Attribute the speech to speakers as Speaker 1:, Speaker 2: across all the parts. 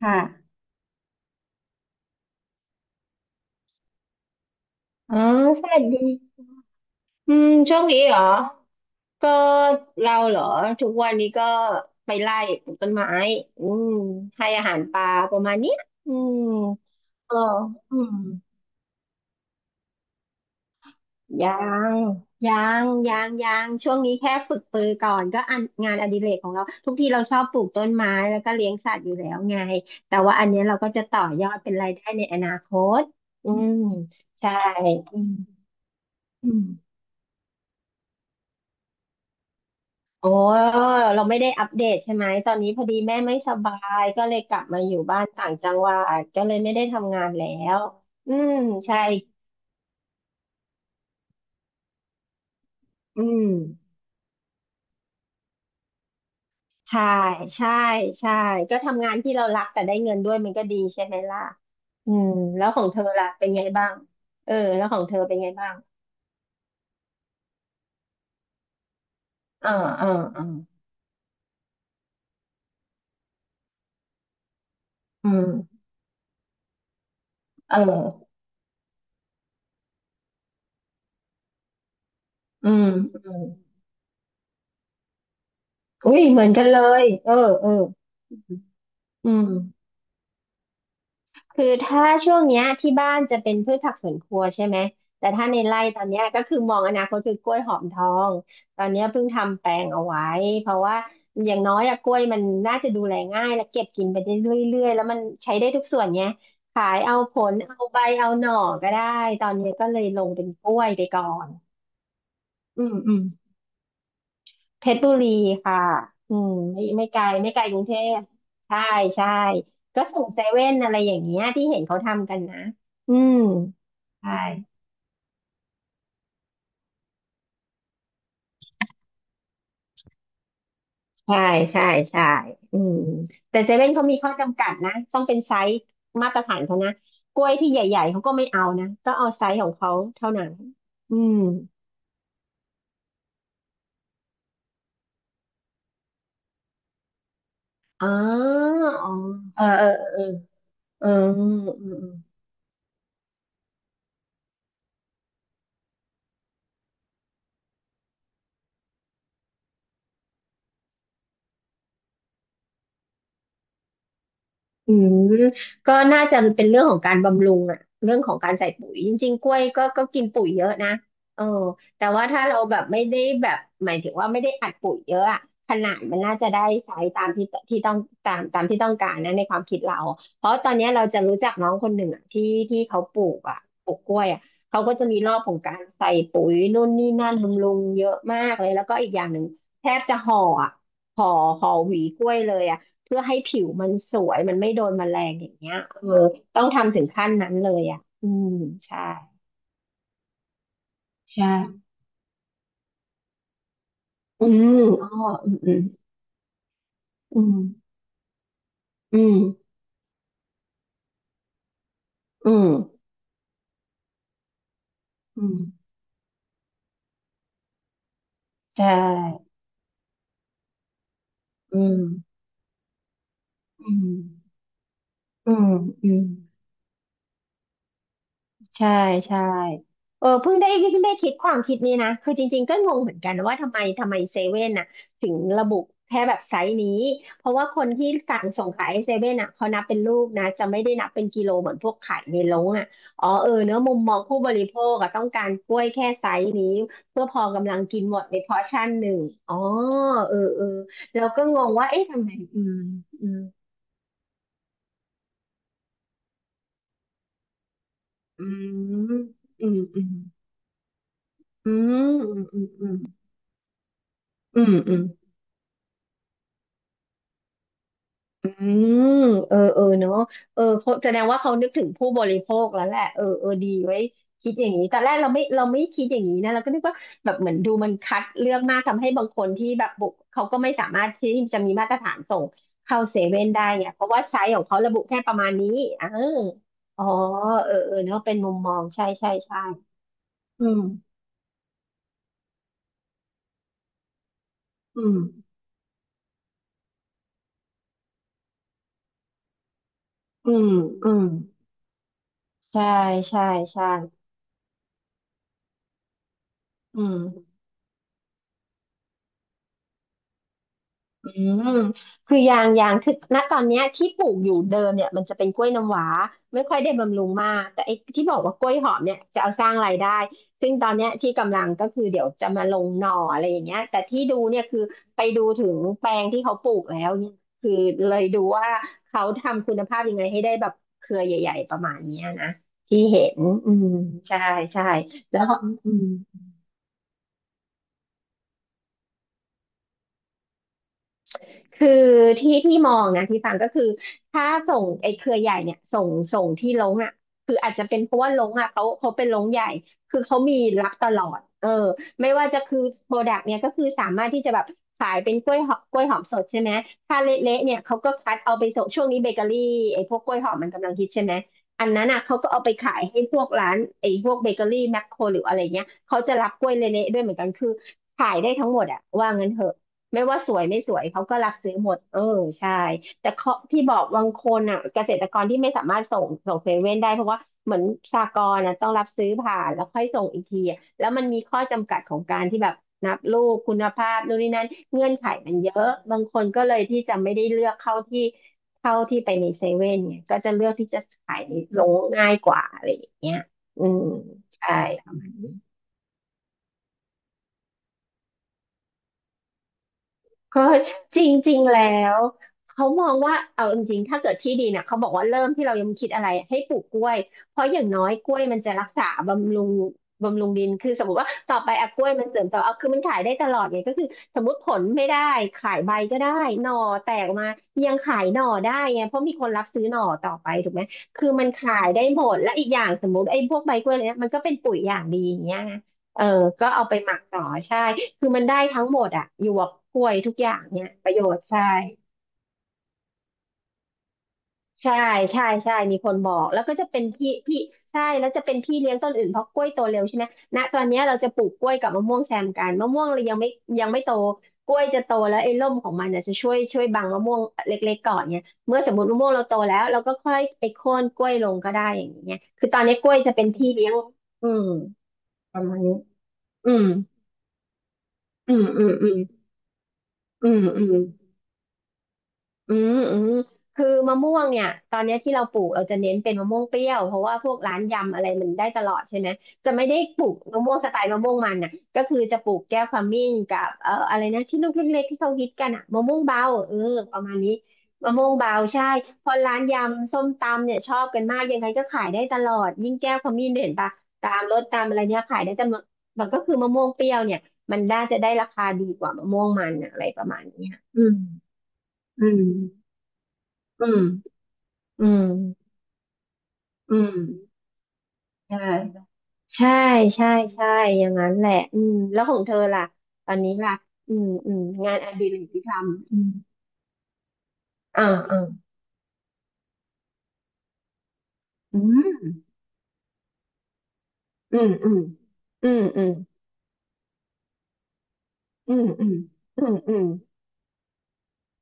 Speaker 1: ค่ะอ๋อสวัสดีช่วงนี้เหรอก็เราเหรอทุกวันนี้ก็ไปไล่ปลูกต้นไม้อืมให้อาหารปลาประมาณเนี้ยอืมก็อืมยังยัยังช่วงนี้แค่ฝึกปือก่อนก็อันงานอดิเรกของเราทุกทีเราชอบปลูกต้นไม้แล้วก็เลี้ยงสัตว์อยู่แล้วไงแต่ว่าอันเนี้ยเราก็จะต่อยอดเป็นรายได้ในอนาคตอืมใช่อืมอืม โอ้เราไม่ได้อัปเดตใช่ไหมตอนนี้พอดีแม่ไม่สบายก็เลยกลับมาอยู่บ้านต่างจังหวัดก็เลยไม่ได้ทำงานแล้วอืมใช่อืมใช่ใช่ใช่ก็ทำงานที่เรารักแต่ได้เงินด้วยมันก็ดีใช่ไหมล่ะอืมแล้วของเธอล่ะเป็นไงบ้างเออแล้วของเธอเป็นไงบ้างอ่าอ่าอ่าอืมเอออืมอืมอุ้ยเหมือนกันเลยเออเอออืม คือถ้าช่วงเนี้ยที่บ้านจะเป็นพืชผักสวนครัวใช่ไหมแต่ถ้าในไร่ตอนเนี้ยก็คือมองอนาคตคือกล้วยหอมทองตอนเนี้ยเพิ่งทำแปลงเอาไว้เพราะว่าอย่างน้อยอะกล้วยมันน่าจะดูแลง่ายและเก็บกินไปได้เรื่อยๆแล้วมันใช้ได้ทุกส่วนเนี้ยขายเอาผลเอาใบเอาหน่อก็ได้ตอนเนี้ยก็เลยลงเป็นกล้วยไปก่อนอืมอืม เพชรบุรีค่ะไม่ไกลกรุงเทพใช่ใช่ก็ส่งเซเว่นอะไรอย่างเงี้ยที่เห็นเขาทำกันนะอืมใช่ใช่ใช่ใช่อืมแต่เซเว่นเขามีข้อจำกัดนะต้องเป็นไซส์มาตรฐานเขานะกล้วยที่ใหญ่ๆเขาก็ไม่เอานะต้องเอาไซส์ของเขาเท่านั้นอืมอ๋ออ๋อเออเออเออเอออืมอืม อืมก็น่าจะเป็นเรื่องของการบำรุงอะเรื่องของการใส่ปุ๋ยจริงๆกล้วยก็กินปุ๋ยเยอะนะเออแต่ว่าถ้าเราแบบไม่ได้แบบหมายถึงว่าไม่ได้อัดปุ๋ยเยอะอะขนาดมันน่าจะได้ใช้ตามที่ที่ต้องตามที่ต้องการนะในความคิดเราเพราะตอนเนี้ยเราจะรู้จักน้องคนหนึ่งอะที่ที่เขาปลูกอะปลูกกล้วยอะเขาก็จะมีรอบของการใส่ปุ๋ยนู่นนี่นั่นบำรุงเยอะมากเลยแล้วก็อีกอย่างหนึ่งแทบจะห่ออะห่อห่อหวีกล้วยเลยอะ เพื่อให้ผิวมันสวยมันไม่โดนแมลงอย่างเงี้ยเออต้องทำถึงขั้นนั้นเลยอ่ะใช่ใช่อืมอ๋ออืมอืมอืมอืมอืมอืมใช่อืมอืมอืมอืม ใช่ใช่เออเพิ่งได้คิดความคิดนี้นะคือจริงๆก็งงเหมือนกันว่าทำไมเซเว่นน่ะถึงระบุแค่แบบไซส์นี้เพราะว่าคนที่สั่งส่งขายเซเว่นน่ะเขานับเป็นลูกนะจะไม่ได้นับเป็นกิโลเหมือนพวกขายในโรงอ่ะอ๋อเออเนอะมุมมองผู้บริโภคอะต้องการกล้วยแค่ไซส์นี้เพื่อพอกำลังกินหมดในพอร์ชั่นหนึ่งอ๋อเออเออแล้วก็งงว่าเอ๊ะทำไมอืมอืมอืมอืมอืมอืมอืมอืมอืมอืมอืม อืมเออเออเนาะเออเขาแสดงว่าเขานึกถึงผู้บริโภคแล้วแหละเออเออดีไว้คิดอย่างนี้แต่แรกเราไม่คิดอย่างนี้นะเราก็นึกว่าแบบเหมือนดูมันคัดเลือกมากทำให้บางคนที่แบบบุกเขาก็ไม่สามารถที่จะมีมาตรฐานส่งเข้าเซเว่นได้เนี่ยเพราะว่าไซส์ของเขาระบุแค่ประมาณนี้อ่าอ๋อเออเออเนาะเป็นมุมมองใช่ใช่ใช่อืมอืมอืมอืมใช่ใช่ใช่อืม มคือยางคือณตอนเนี้ยที่ปลูกอยู่เดิมเนี่ยมันจะเป็นกล้วยน้ำว้าไม่ค่อยได้บำรุงมากแต่ไอ้ที่บอกว่ากล้วยหอมเนี่ยจะเอาสร้างรายได้ซึ่งตอนเนี้ยที่กำลังก็คือเดี๋ยวจะมาลงหน่ออะไรอย่างเงี้ยแต่ที่ดูเนี่ยคือไปดูถึงแปลงที่เขาปลูกแล้วเนี่ยคือเลยดูว่าเขาทำคุณภาพยังไงให้ได้แบบเครือใหญ่ๆประมาณเนี้ยนะที่เห็นอืมใช่ใช่แล้วก็อืม คือที่ที่มองนะที่ฟังก็คือถ้าไอ้เครือใหญ่เนี่ยส่งที่ลงอ่ะคืออาจจะเป็นเพราะว่าลงอ่ะเขาเป็นลงใหญ่คือเขามีรับตลอดเออไม่ว่าจะคือโปรดักต์เนี่ยก็คือสามารถที่จะแบบขายเป็นกล้วยหอมกล้วยหอมสดใช่ไหมถ้าเละๆเนี่ยเขาก็คัดเอาไปส่งช่วงนี้เบเกอรี่ไอ้พวกกล้วยหอมมันกำลังฮิตใช่ไหมอันนั้นอ่ะเขาก็เอาไปขายให้พวกร้านไอ้พวกเบเกอรี่แมคโครหรืออะไรเงี้ยเขาจะรับกล้วยเละๆด้วยเหมือนกันคือขายได้ทั้งหมดอะว่างั้นเถอะ ไม่ว่าสวยไม่สวยเขาก็รักซื้อหมดเออใช่แต่เขาที่บอกบางคนอ่ะเกษตรกรที่ไม่สามารถส่งเซเว่นได้เพราะว่าเหมือนสหกรณ์อ่ะต้องรับซื้อผ่านแล้วค่อยส่งอีกทีอะแล้วมันมีข้อจำกัดของการที่แบบนับลูกคุณภาพนู่นนี่นั่นเงื่อนไขมันเยอะบางคนก็เลยที่จะไม่ได้เลือกเข้าที่เข้าที่ไปในเซเว่นเนี่ยก็จะเลือกที่จะขายในโรงง่ายกว่าอะไรอย่างเงี้ยอืมใช่ เพราะจริงๆแล้วเขามองว่าเอาจริงๆถ้าเกิดที่ดีเนี่ยเขาบอกว่าเริ่มที่เรายังไม่คิดอะไรให้ปลูกกล้วยเพราะอย่างน้อยกล้วยมันจะรักษาบำรุงดินคือสมมติว่าต่อไปอะกล้วยมันเสริมต่อเอาคือมันขายได้ตลอดไงก็คือสมมติผลไม่ได้ขายใบก็ได้หน่อแตกออกมายังขายหน่อได้ไงเพราะมีคนรับซื้อหน่อต่อไปถูกไหมคือมันขายได้หมดและอีกอย่างสมมติไอ้พวกใบกล้วยเนี่ยมันก็เป็นปุ๋ยอย่างดีอย่างเงี้ย เออก็เอาไปหมักต่อใช่ คือมันได้ทั้งหมดอะหยวกกล้วยทุกอย่างเนี่ยประโยชน์ใช่ ใช่ ใช่ใช่มีคนบอกแล้วก็จะเป็นพี่ใช่แล้วจะเป็นพี่เลี้ยงต้นอื่นเพราะกล้วยโตเร็วใช่ไหมณตอนเนี้ยเราจะปลูกกล้วยกับมะม่วงแซมกันมะม่วงเรายังไม่ยังไม่โตกล้วยจะโตแล้วไอ้ร่มของมันเนี่ยจะช่วยบังมะม่วงเล็กๆก่อนเนี่ยเมื่อสมมติมะม่วงเราโตแล้วเราก็ค่อยไปโค่นกล้วยลงก็ได้อย่างเงี้ยคือตอนนี้กล้วยจะเป็นพี่เลี้ยงอืมประมาณนี้อืมอืมอืมอืมอืมอืม อืมอืมคือมะม่วงเนี่ยตอนเนี้ยที่เราปลูกเราจะเน้นเป็นมะม่วงเปรี้ยวเพราะว่าพวกร้านยำอะไรมันได้ตลอดใช่ไหมจะไม่ได้ปลูกมะม่วงสไตล์มะม่วงมันน่ะก็คือจะปลูกแก้วขมิ้นกับอะไรนะที่ลูกเล็กๆที่เขาฮิตกันอ่ะมะม่วงเบาเออประมาณนี้มะม่วงเบาใช่คนร้านยำส้มตำเนี่ยชอบกันมากยังไงก็ขายได้ตลอดยิ่งแก้วขมิ้นเนี่ยเห็นปะตามรถตามอะไรเนี่ยขายได้แต่มะมันก็คือมะม่วงเปรี้ยวเนี่ยมันน่าจะได้ราคาดีกว่ามะม่วงมันน่ะอะไรประมาณเนี้ยอืมอืม อืม อืมอืมใช่ ใช่ใช่ใช่อย่างนั้นแหละอืมแล้วของเธอล่ะตอนนี้ล่ะอืมอืมงานอดิเรกที่ทำอืมอ่าอ่าอืมอืมอืมอืมอืมอืมอืมอืม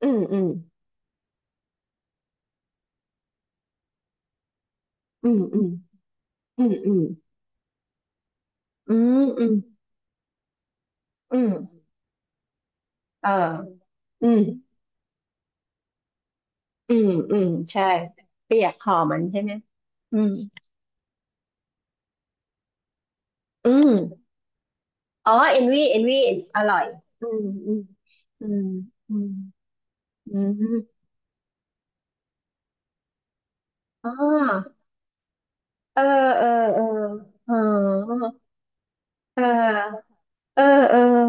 Speaker 1: อืมอืมอืมอืมอืมอืมอืมอืมอืมอืมเอออืมอืมอืมใช่ เปียกหอมมันใช่ไหมอืมอืม อ๋อเอ็นวีเอ็นวีอร่อยอืมอืมอืมอืมอืมอ๋อเออเออเออเออเออเออเออ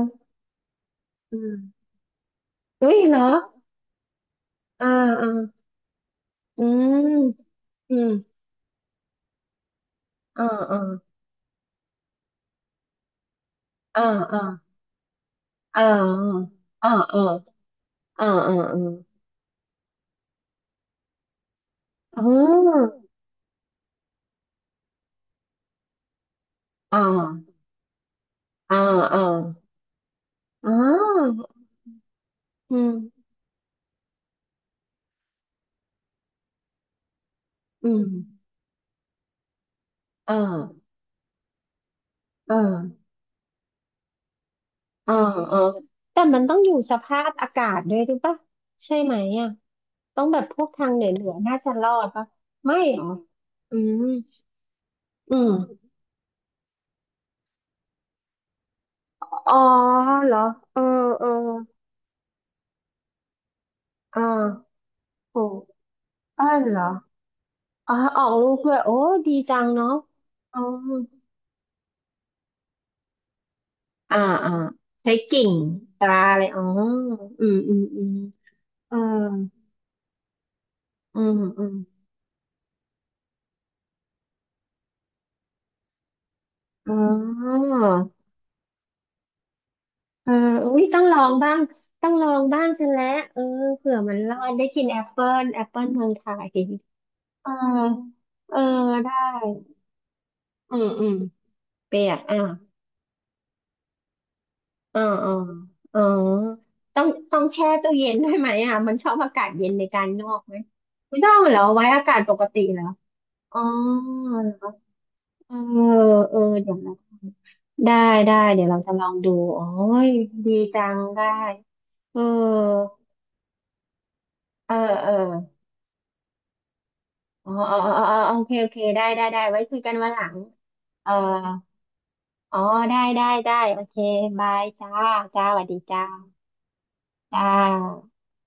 Speaker 1: อืมอุ้ยเหรอเออเอออืมอืมเออเออเออเออเออเออเออเออเออเอออ๋ออ๋ออ๋ออ๋ออออืมอืมเออเออ เออเออแต่มันต้องอยู่สภาพอากาศด้วยหรือปะใช่ไหมอ่ะต้องแบบพวกทางเหนือๆน่าจะรอดปะไม่หรออืมอืมอ๋อเหรอเออเอออ่าโอ้อ้าวเหรออ๋อออกลูกด้วยโอ้ดีจังเนาะอ๋ออ่าอ่าใช้กิ่งตราอะไรอ๋ออืมอืมอืมเอออืมอืมอ๋อ เอออุ้ยต้องลองบ้างต้องลองบ้างฉันแล้วเออเผื่อมันรอดได้กินแอปเปิลแอปเปิลเมืองไทยเออเออ ได้อืมอืมเปียก อ่ะอ๋ออ๋ออ๋อต้องแช่ตู้เย็นด้วยไหมอ่ะมันชอบอากาศเย็นในการงอกไหมไม่ต้องเหรอไว้อากาศปกติเหรออ๋อเหรอเออเออเดี๋ยวเราได้ ได้ เดี๋ยวเราจะลองดูโอ้ยดีจังได้ เออ เออเออ อ๋ออ๋ออ๋ออ๋อโอเค โอเค ได้ ได้ ได้ ไว้คุยกันวันหลัง เอออ๋อได้ ได้ ได้ โอเค บาย จ้า จ้าสวัสดีจ้า จ้า